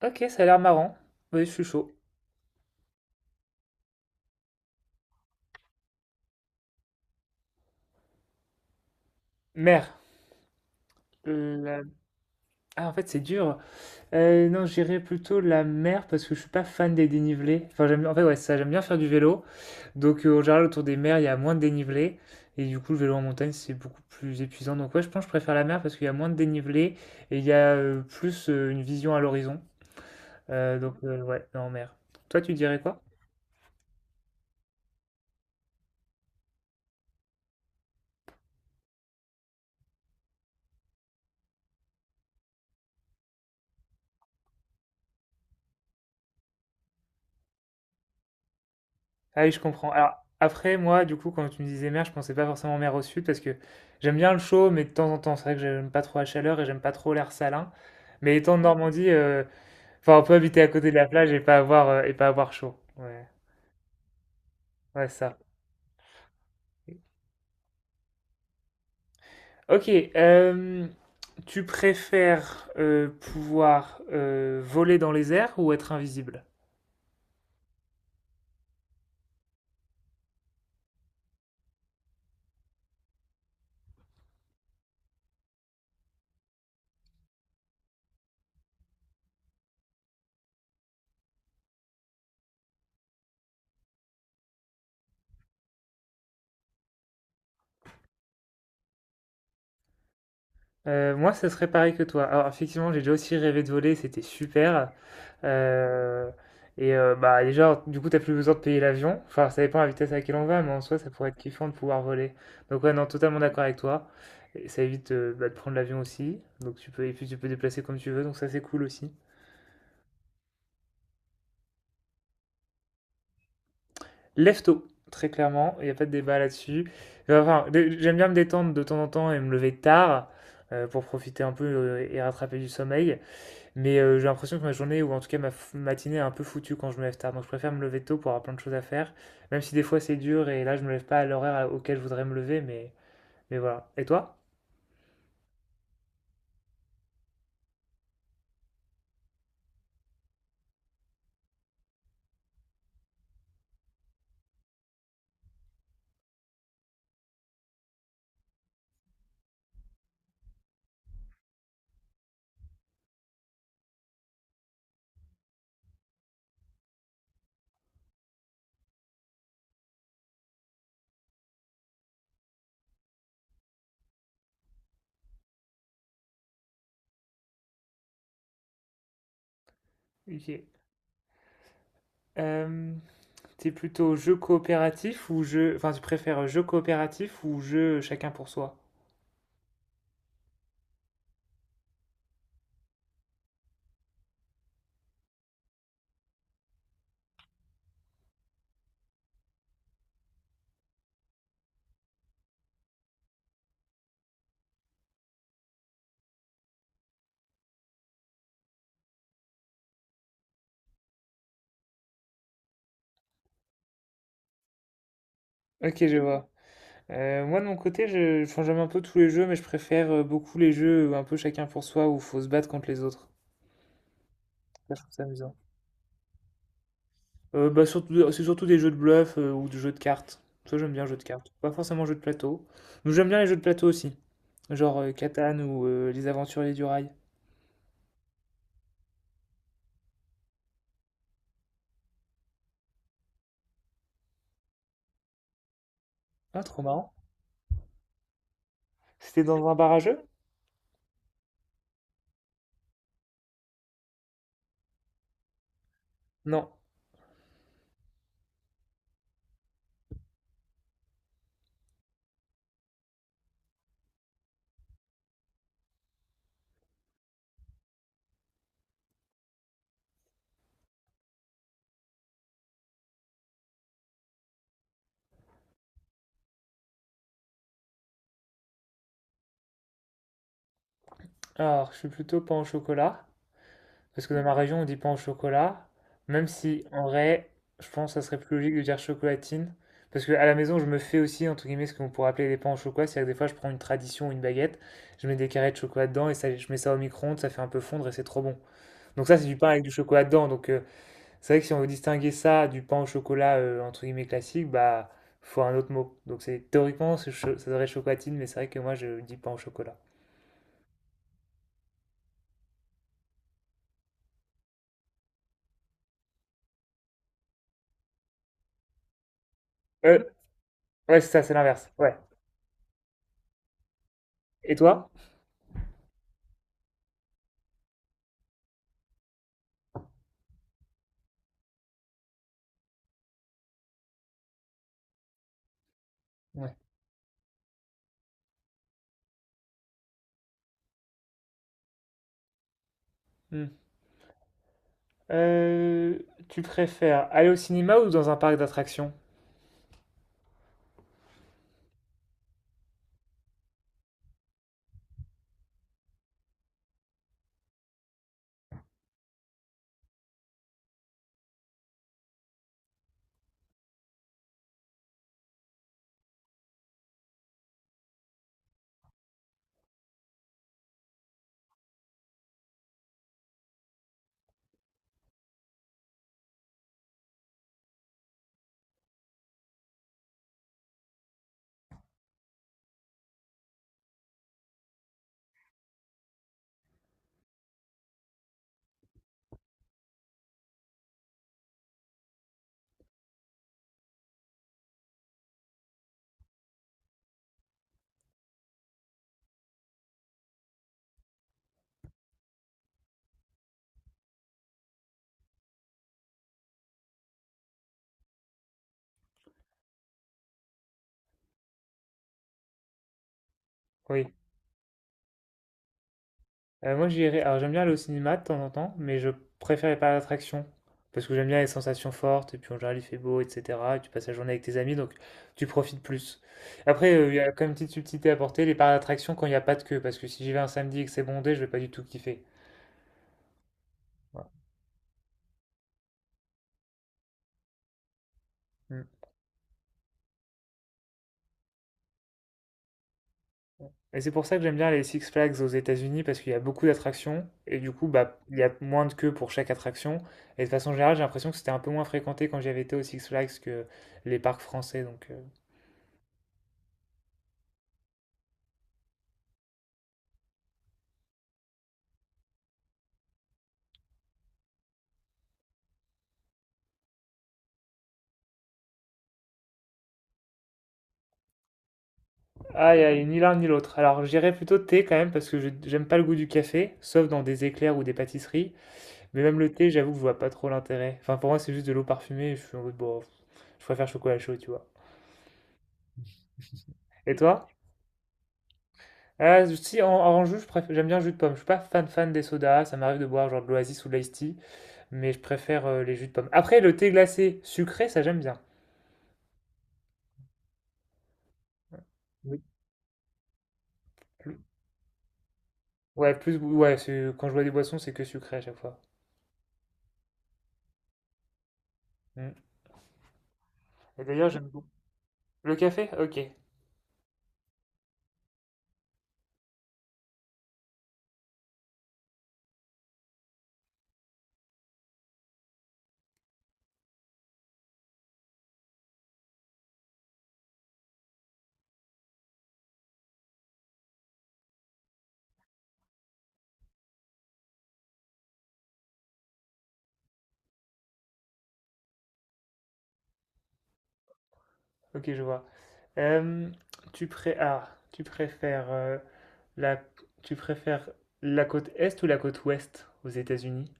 Ok, ça a l'air marrant. Oui, je suis chaud. Mer. La- Ah, en fait, c'est dur. Non, j'irais plutôt la mer parce que je suis pas fan des dénivelés. Enfin, j'aime, en fait, ouais, ça, j'aime bien faire du vélo. Donc, en général, autour des mers, il y a moins de dénivelé. Et du coup, le vélo en montagne, c'est beaucoup plus épuisant. Donc, ouais, je pense que je préfère la mer parce qu'il y a moins de dénivelé et il y a plus une vision à l'horizon. Donc, ouais, non, en mer. Toi, tu dirais quoi? Ah oui, je comprends. Alors après, moi, du coup, quand tu me disais mer, je pensais pas forcément mer au sud parce que j'aime bien le chaud, mais de temps en temps, c'est vrai que j'aime pas trop la chaleur et j'aime pas trop l'air salin. Mais étant de Normandie, enfin, on peut habiter à côté de la plage et pas avoir, pas avoir chaud. Ouais, ouais, ça. Ok, euh, tu préfères pouvoir voler dans les airs ou être invisible? Moi, ce serait pareil que toi. Alors effectivement, j'ai déjà aussi rêvé de voler, c'était super, heu bah, déjà, du coup, t'as plus besoin de payer l'avion. Enfin, ça dépend de la vitesse à laquelle on va, mais en soi, ça pourrait être kiffant de pouvoir voler. Donc ouais, non, totalement d'accord avec toi et ça évite, bah, de prendre l'avion aussi. Donc tu peux et puis tu peux déplacer comme tu veux, donc ça, c'est cool aussi. Lève tôt, très clairement, il n'y a pas de débat là-dessus. Enfin, j'aime bien me détendre de temps en temps et me lever tard, pour profiter un peu, et rattraper du sommeil. Mais j'ai l'impression que ma journée, ou en tout cas ma matinée, est un peu foutue quand je me lève tard. Donc je préfère me lever tôt pour avoir plein de choses à faire. Même si des fois c'est dur et là je me lève pas à l'horaire auquel je voudrais me lever, mais voilà. Et toi? Ok. Euh, t'es plutôt jeu coopératif ou jeu... Enfin, tu préfères jeu coopératif ou jeu chacun pour soi? Ok, je vois. Moi de mon côté, je, enfin, j'aime un peu tous les jeux, mais je préfère beaucoup les jeux un peu chacun pour soi où faut se battre contre les autres. Ça, je trouve ça amusant. Surtout, c'est surtout des jeux de bluff ou des jeux de cartes. Ça, j'aime bien les jeux de cartes. Pas forcément jeux de plateau. Mais j'aime bien les jeux de plateau aussi. Genre Catan ou Les Aventuriers du Rail. Ah, trop marrant. C'était dans un bar à jeux? Non. Alors, je suis plutôt pain au chocolat. Parce que dans ma région, on dit pain au chocolat. Même si, en vrai, je pense que ça serait plus logique de dire chocolatine. Parce que à la maison, je me fais aussi, entre guillemets, ce qu'on pourrait appeler des pains au chocolat. C'est-à-dire que des fois, je prends une tradition ou une baguette, je mets des carrés de chocolat dedans et ça, je mets ça au micro-ondes, ça fait un peu fondre et c'est trop bon. Donc ça, c'est du pain avec du chocolat dedans. Donc c'est vrai que si on veut distinguer ça du pain au chocolat entre guillemets classique, bah faut un autre mot. Donc c'est théoriquement ça devrait être chocolatine, mais c'est vrai que moi je dis pain au chocolat. Euh, ouais, c'est ça, c'est l'inverse. Ouais. Et toi? Ouais. Hmm. Euh, tu préfères aller au cinéma ou dans un parc d'attractions? Oui. Moi, j'irais. Alors, j'aime bien aller au cinéma de temps en temps, mais je préfère les parcs d'attractions. Parce que j'aime bien les sensations fortes, et puis en général, il fait beau, etc. Et tu passes la journée avec tes amis, donc tu profites plus. Après, il y a quand même une petite subtilité à porter, les parcs d'attractions quand il n'y a pas de queue. Parce que si j'y vais un samedi et que c'est bondé, je vais pas du tout kiffer. Voilà. Mm. Et c'est pour ça que j'aime bien les Six Flags aux États-Unis, parce qu'il y a beaucoup d'attractions, et du coup, bah, il y a moins de queue pour chaque attraction. Et de façon générale, j'ai l'impression que c'était un peu moins fréquenté quand j'y avais été aux Six Flags que les parcs français, donc. Aïe, aïe, ni l'un ni l'autre. Alors, j'irais plutôt thé quand même j'aime pas le goût du café, sauf dans des éclairs ou des pâtisseries. Mais même le thé, j'avoue que je vois pas trop l'intérêt. Enfin, pour moi, c'est juste de l'eau parfumée. Et je suis en mode, bon, pff, je préfère chocolat chaud, tu vois. Et toi? Ah, si, en jus, j'aime bien le jus de pomme. Je suis pas fan des sodas. Ça m'arrive de boire genre de l'Oasis ou de l'Ice Tea, mais je préfère les jus de pomme. Après, le thé glacé sucré, ça j'aime bien. Oui. Plus- Quand je bois des boissons, c'est que sucré à chaque fois. Mm. Et d'ailleurs, j'aime beaucoup. Le café? Ok. Ok, je vois. Euh, tu pré- ah, tu préfères la tu préfères la côte est ou la côte ouest aux États-Unis?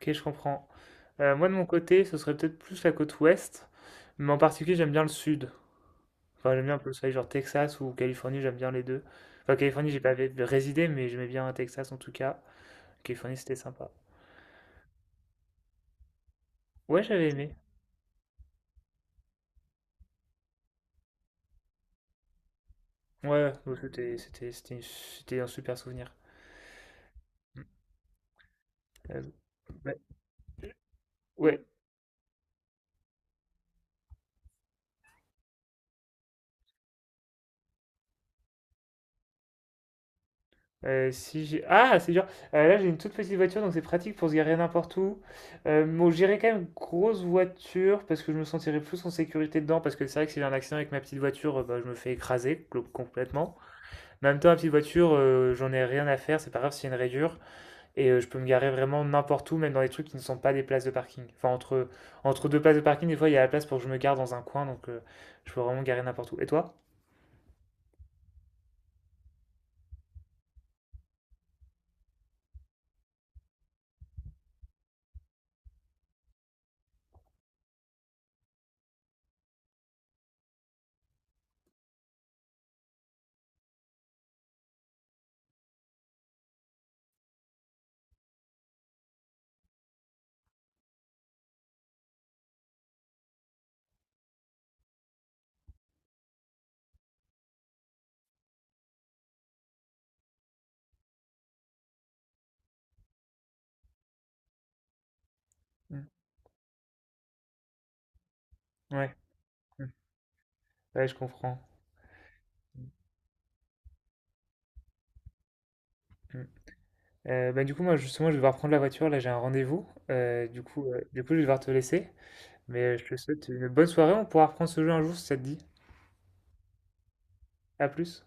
Ok, je comprends. Moi de mon côté, ce serait peut-être plus la côte ouest, mais en particulier j'aime bien le sud. Enfin, j'aime bien un peu le soleil, genre Texas ou Californie, j'aime bien les deux. Enfin, Californie, j'ai pas vé- résidé, mais j'aimais bien Texas en tout cas. Californie, c'était sympa. Ouais, j'avais aimé. Ouais, bon, c'était un super souvenir. Euh, ouais, ouais, si j'ai... Ah, c'est dur. Là, j'ai une toute petite voiture, donc c'est pratique pour se garer n'importe où. Bon, j'irai quand même grosse voiture parce que je me sentirai plus en sécurité dedans. Parce que c'est vrai que si j'ai un accident avec ma petite voiture, bah, je me fais écraser complètement. Mais en même temps, ma petite voiture, j'en ai rien à faire. C'est pas grave s'il y a une rayure. Et je peux me garer vraiment n'importe où, même dans les trucs qui ne sont pas des places de parking. Enfin, entre deux places de parking, des fois, il y a la place pour que je me gare dans un coin. Donc, je peux vraiment me garer n'importe où. Et toi? Mm. Ouais, mm, ouais, je comprends. Mm. Bah, du coup, moi, justement, je vais devoir prendre la voiture. Là, j'ai un rendez-vous. Du coup, je vais devoir te laisser. Mais je te souhaite une bonne soirée. On pourra reprendre ce jeu un jour si ça te dit. À plus.